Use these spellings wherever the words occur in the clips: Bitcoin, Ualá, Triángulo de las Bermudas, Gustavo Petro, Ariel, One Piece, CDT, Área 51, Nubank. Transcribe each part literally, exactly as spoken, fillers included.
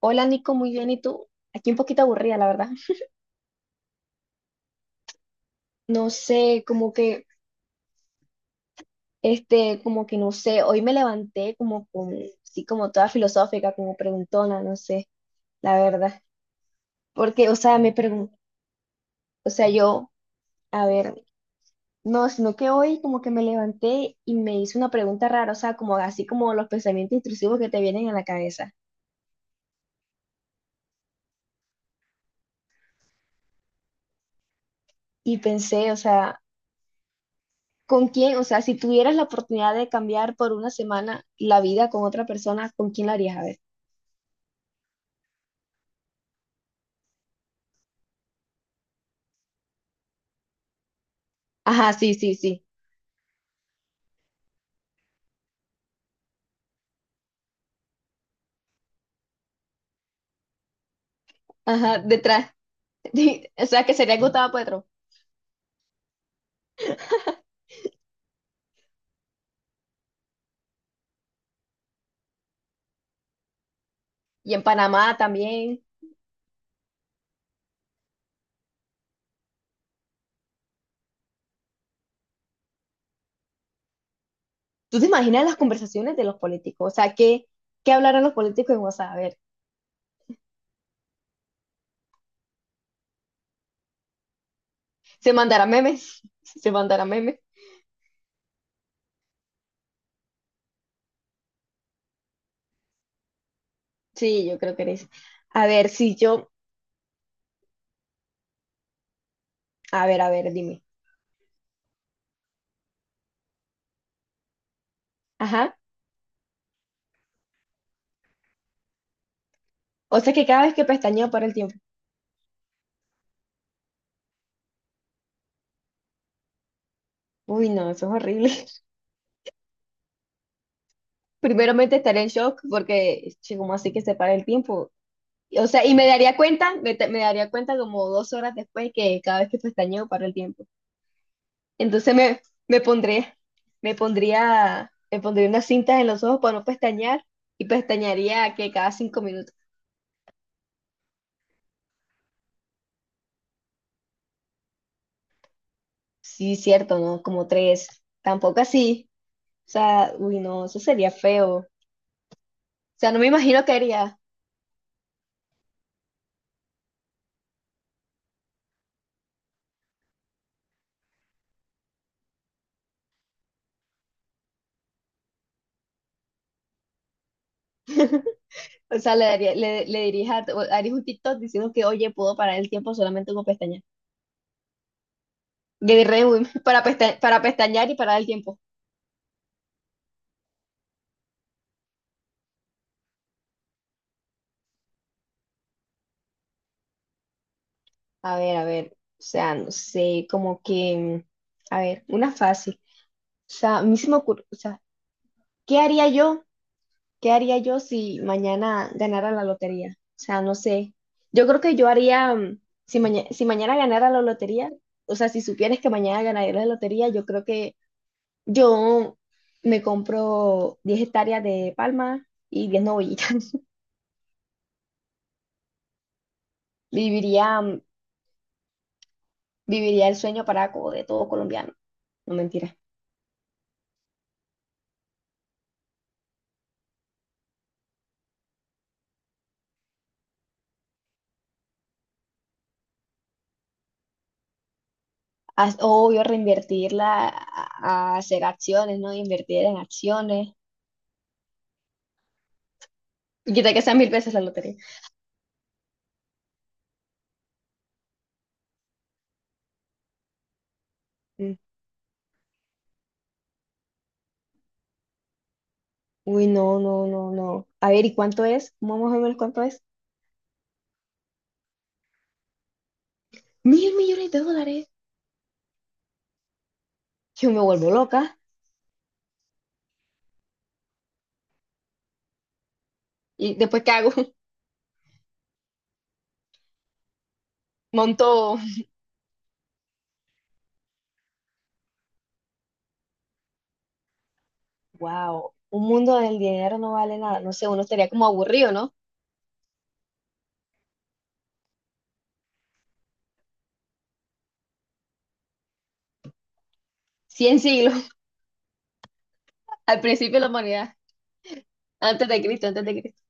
Hola Nico, muy bien, ¿y tú? Aquí un poquito aburrida, la verdad. No sé, como que, este, como que no sé, hoy me levanté como con, sí, como toda filosófica, como preguntona, no sé, la verdad. Porque, o sea, me pregunto, o sea, yo, a ver, no, sino que hoy como que me levanté y me hice una pregunta rara, o sea, como así como los pensamientos intrusivos que te vienen a la cabeza. Y pensé, o sea, ¿con quién? O sea, si tuvieras la oportunidad de cambiar por una semana la vida con otra persona, ¿con quién la harías? A ver. Ajá, sí, sí, sí. Ajá, detrás. O sea, que sería Gustavo Petro. Y en Panamá también. ¿Tú te imaginas las conversaciones de los políticos? O sea, ¿qué, qué hablarán los políticos en WhatsApp? A ver, ¿se mandarán memes? ¿Se mandarán memes? Sí, yo creo que eres. A ver, si yo. A ver, a ver, dime. Ajá. O sea, que cada vez que pestañeo para el tiempo. Uy, no, eso es horrible. Primeramente estaré en shock porque, che, ¿cómo así que se para el tiempo? O sea, y me daría cuenta, me, te- me daría cuenta como dos horas después que cada vez que pestañeo para el tiempo. Entonces me, me pondré, me pondría, me pondría unas cintas en los ojos para no pestañear y pestañaría que cada cinco minutos. Sí, cierto, ¿no? Como tres. Tampoco así. O sea, uy, no, eso sería feo. O sea, no me imagino que haría. O sea, le daría, le, le diría, harías un TikTok diciendo que, oye, puedo parar el tiempo solamente con pestañear. Le diré, uy, para, pesta- para pestañear y parar el tiempo. A ver, a ver. O sea, no sé, como que, mm, a ver, una fácil. O sea, a mí se me ocurre, o sea. ¿Qué haría yo? ¿Qué haría yo si mañana ganara la lotería? O sea, no sé. Yo creo que yo haría, mm, si, maña- si mañana ganara la lotería, o sea, si supieras que mañana ganaría la lotería, yo creo que yo me compro diez hectáreas de palma y diez novillitas. Viviría, mm, viviría el sueño paraco de todo colombiano. No mentira. As- Obvio, reinvertirla a, a hacer acciones, ¿no? Invertir en acciones. Y quitar que sean mil veces la lotería. Mm. Uy, no, no, no, no. A ver, ¿y cuánto es? Vamos a ver cuánto es. Mil millones de dólares. Yo me vuelvo loca. ¿Y después qué hago? Monto. Wow. Un mundo del dinero no vale nada. No sé, uno estaría como aburrido, ¿no? Cien siglos. Al principio de la humanidad. Antes de Cristo, antes de Cristo.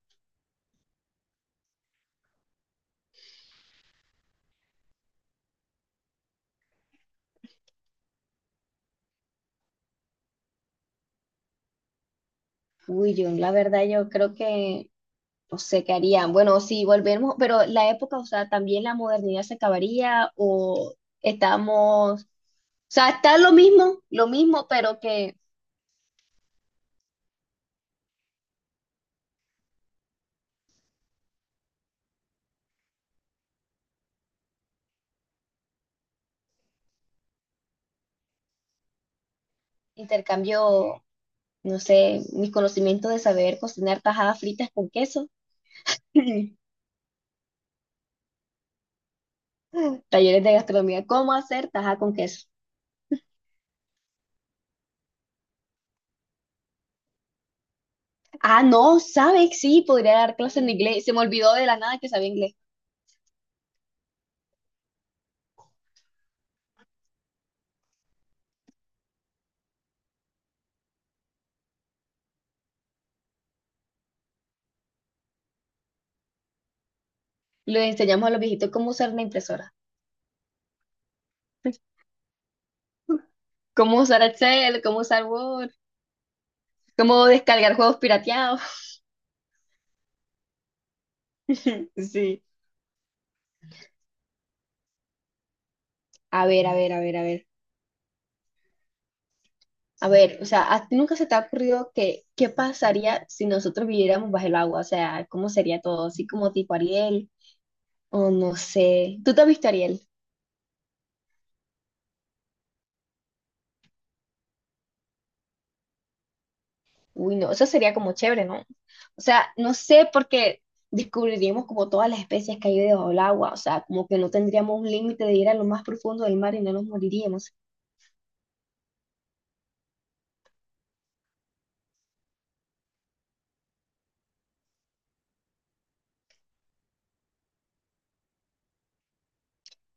Uy, yo, la verdad, yo creo que no sé qué harían. Bueno, si volvemos, pero la época, o sea, también la modernidad se acabaría o estamos. O sea, está lo mismo, lo mismo, pero que intercambio. No sé, mis conocimientos de saber cocinar tajadas fritas con queso. Talleres de gastronomía, ¿cómo hacer tajada con queso? Ah, no, ¿sabes? Sí, podría dar clases en inglés. Se me olvidó de la nada que sabía inglés. Les enseñamos a los viejitos cómo usar una impresora, cómo usar Excel, cómo usar Word, cómo descargar juegos pirateados. Sí. A ver, a ver, a ver, a ver. A ver, o sea, ¿a ti nunca se te ha ocurrido que qué pasaría si nosotros viviéramos bajo el agua? O sea, ¿cómo sería todo? Así como tipo Ariel. O no sé. ¿Tú te has visto Ariel? Uy, no, eso sería como chévere, ¿no? O sea, no sé porque descubriríamos como todas las especies que hay debajo del agua. O sea, como que no tendríamos un límite de ir a lo más profundo del mar y no nos moriríamos.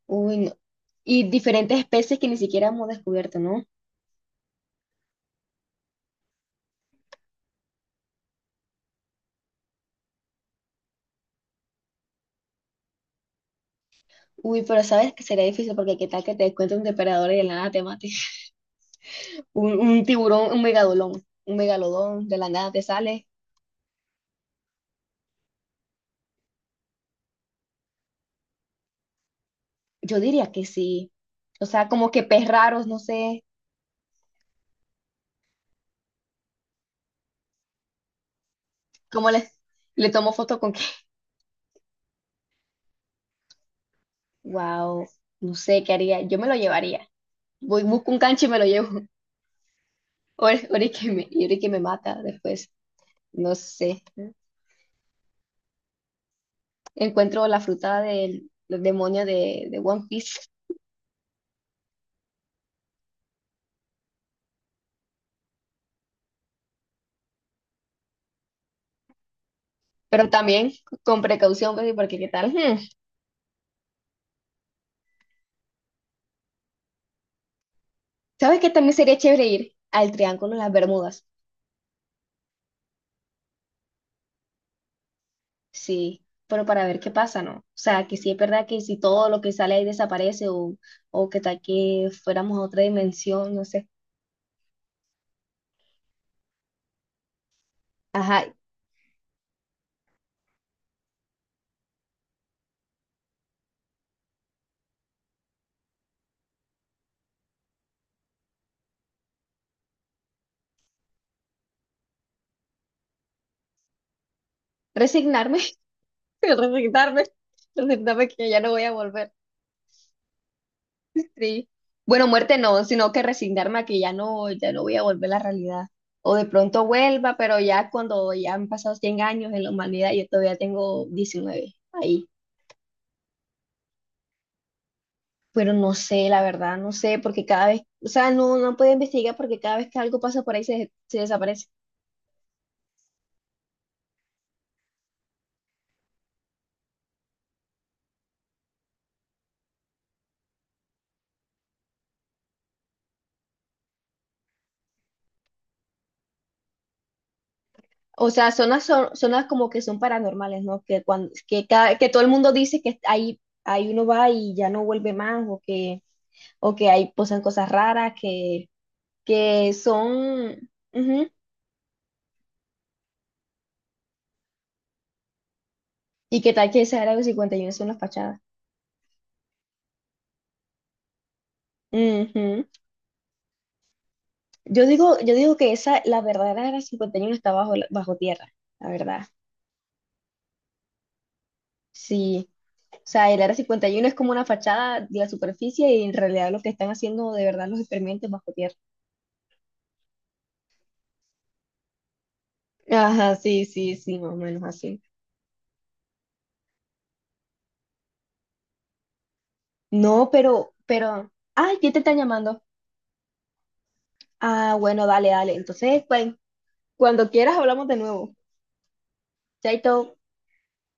Uy, no. Y diferentes especies que ni siquiera hemos descubierto, ¿no? Uy, pero sabes que sería difícil porque qué tal que te encuentres un depredador y de la nada te mate. Un, un tiburón, un megalodón, un megalodón, de la nada te sale. Yo diría que sí. O sea, como que pez raros, no sé. ¿Cómo le, le tomo foto con qué? Wow, no sé qué haría. Yo me lo llevaría. Voy, busco un canche y me lo llevo. Ahora ahora es que me, y ahora es que me mata después. No sé. Encuentro la fruta del, del demonio de, de One Piece. Pero también con precaución, pues, porque qué tal. Hmm. ¿Sabes qué también sería chévere ir al Triángulo de las Bermudas? Sí, pero para ver qué pasa, ¿no? O sea, que sí es verdad que si todo lo que sale ahí desaparece o, o que tal que fuéramos a otra dimensión, no sé. Ajá. Resignarme, resignarme, resignarme que ya no voy a volver. Sí. Bueno, muerte no, sino que resignarme a que ya no, ya no voy a volver a la realidad. O de pronto vuelva, pero ya cuando ya han pasado cien años en la humanidad, yo todavía tengo diecinueve ahí. Pero no sé, la verdad, no sé, porque cada vez, o sea, no, no puedo investigar porque cada vez que algo pasa por ahí se, se desaparece. O sea, zonas, son- zonas como que son paranormales, ¿no? Que, cuando, que, cada- que todo el mundo dice que ahí, ahí uno va y ya no vuelve más, o que o que ahí pasan cosas raras que, que son. Ujú. Y que tal que esa Área del cincuenta y uno es una fachada. Ujú. Yo digo, yo digo que esa, la verdadera Área cincuenta y uno está bajo, la- bajo tierra, la verdad. Sí. O sea, el Área cincuenta y uno es como una fachada de la superficie y en realidad lo que están haciendo de verdad los experimentos bajo tierra. Ajá, sí, sí, sí, más o menos así. No, pero, pero, ay, ¿quién te están llamando? Ah, bueno, dale, dale. Entonces, pues, cuando quieras hablamos de nuevo. Chaito.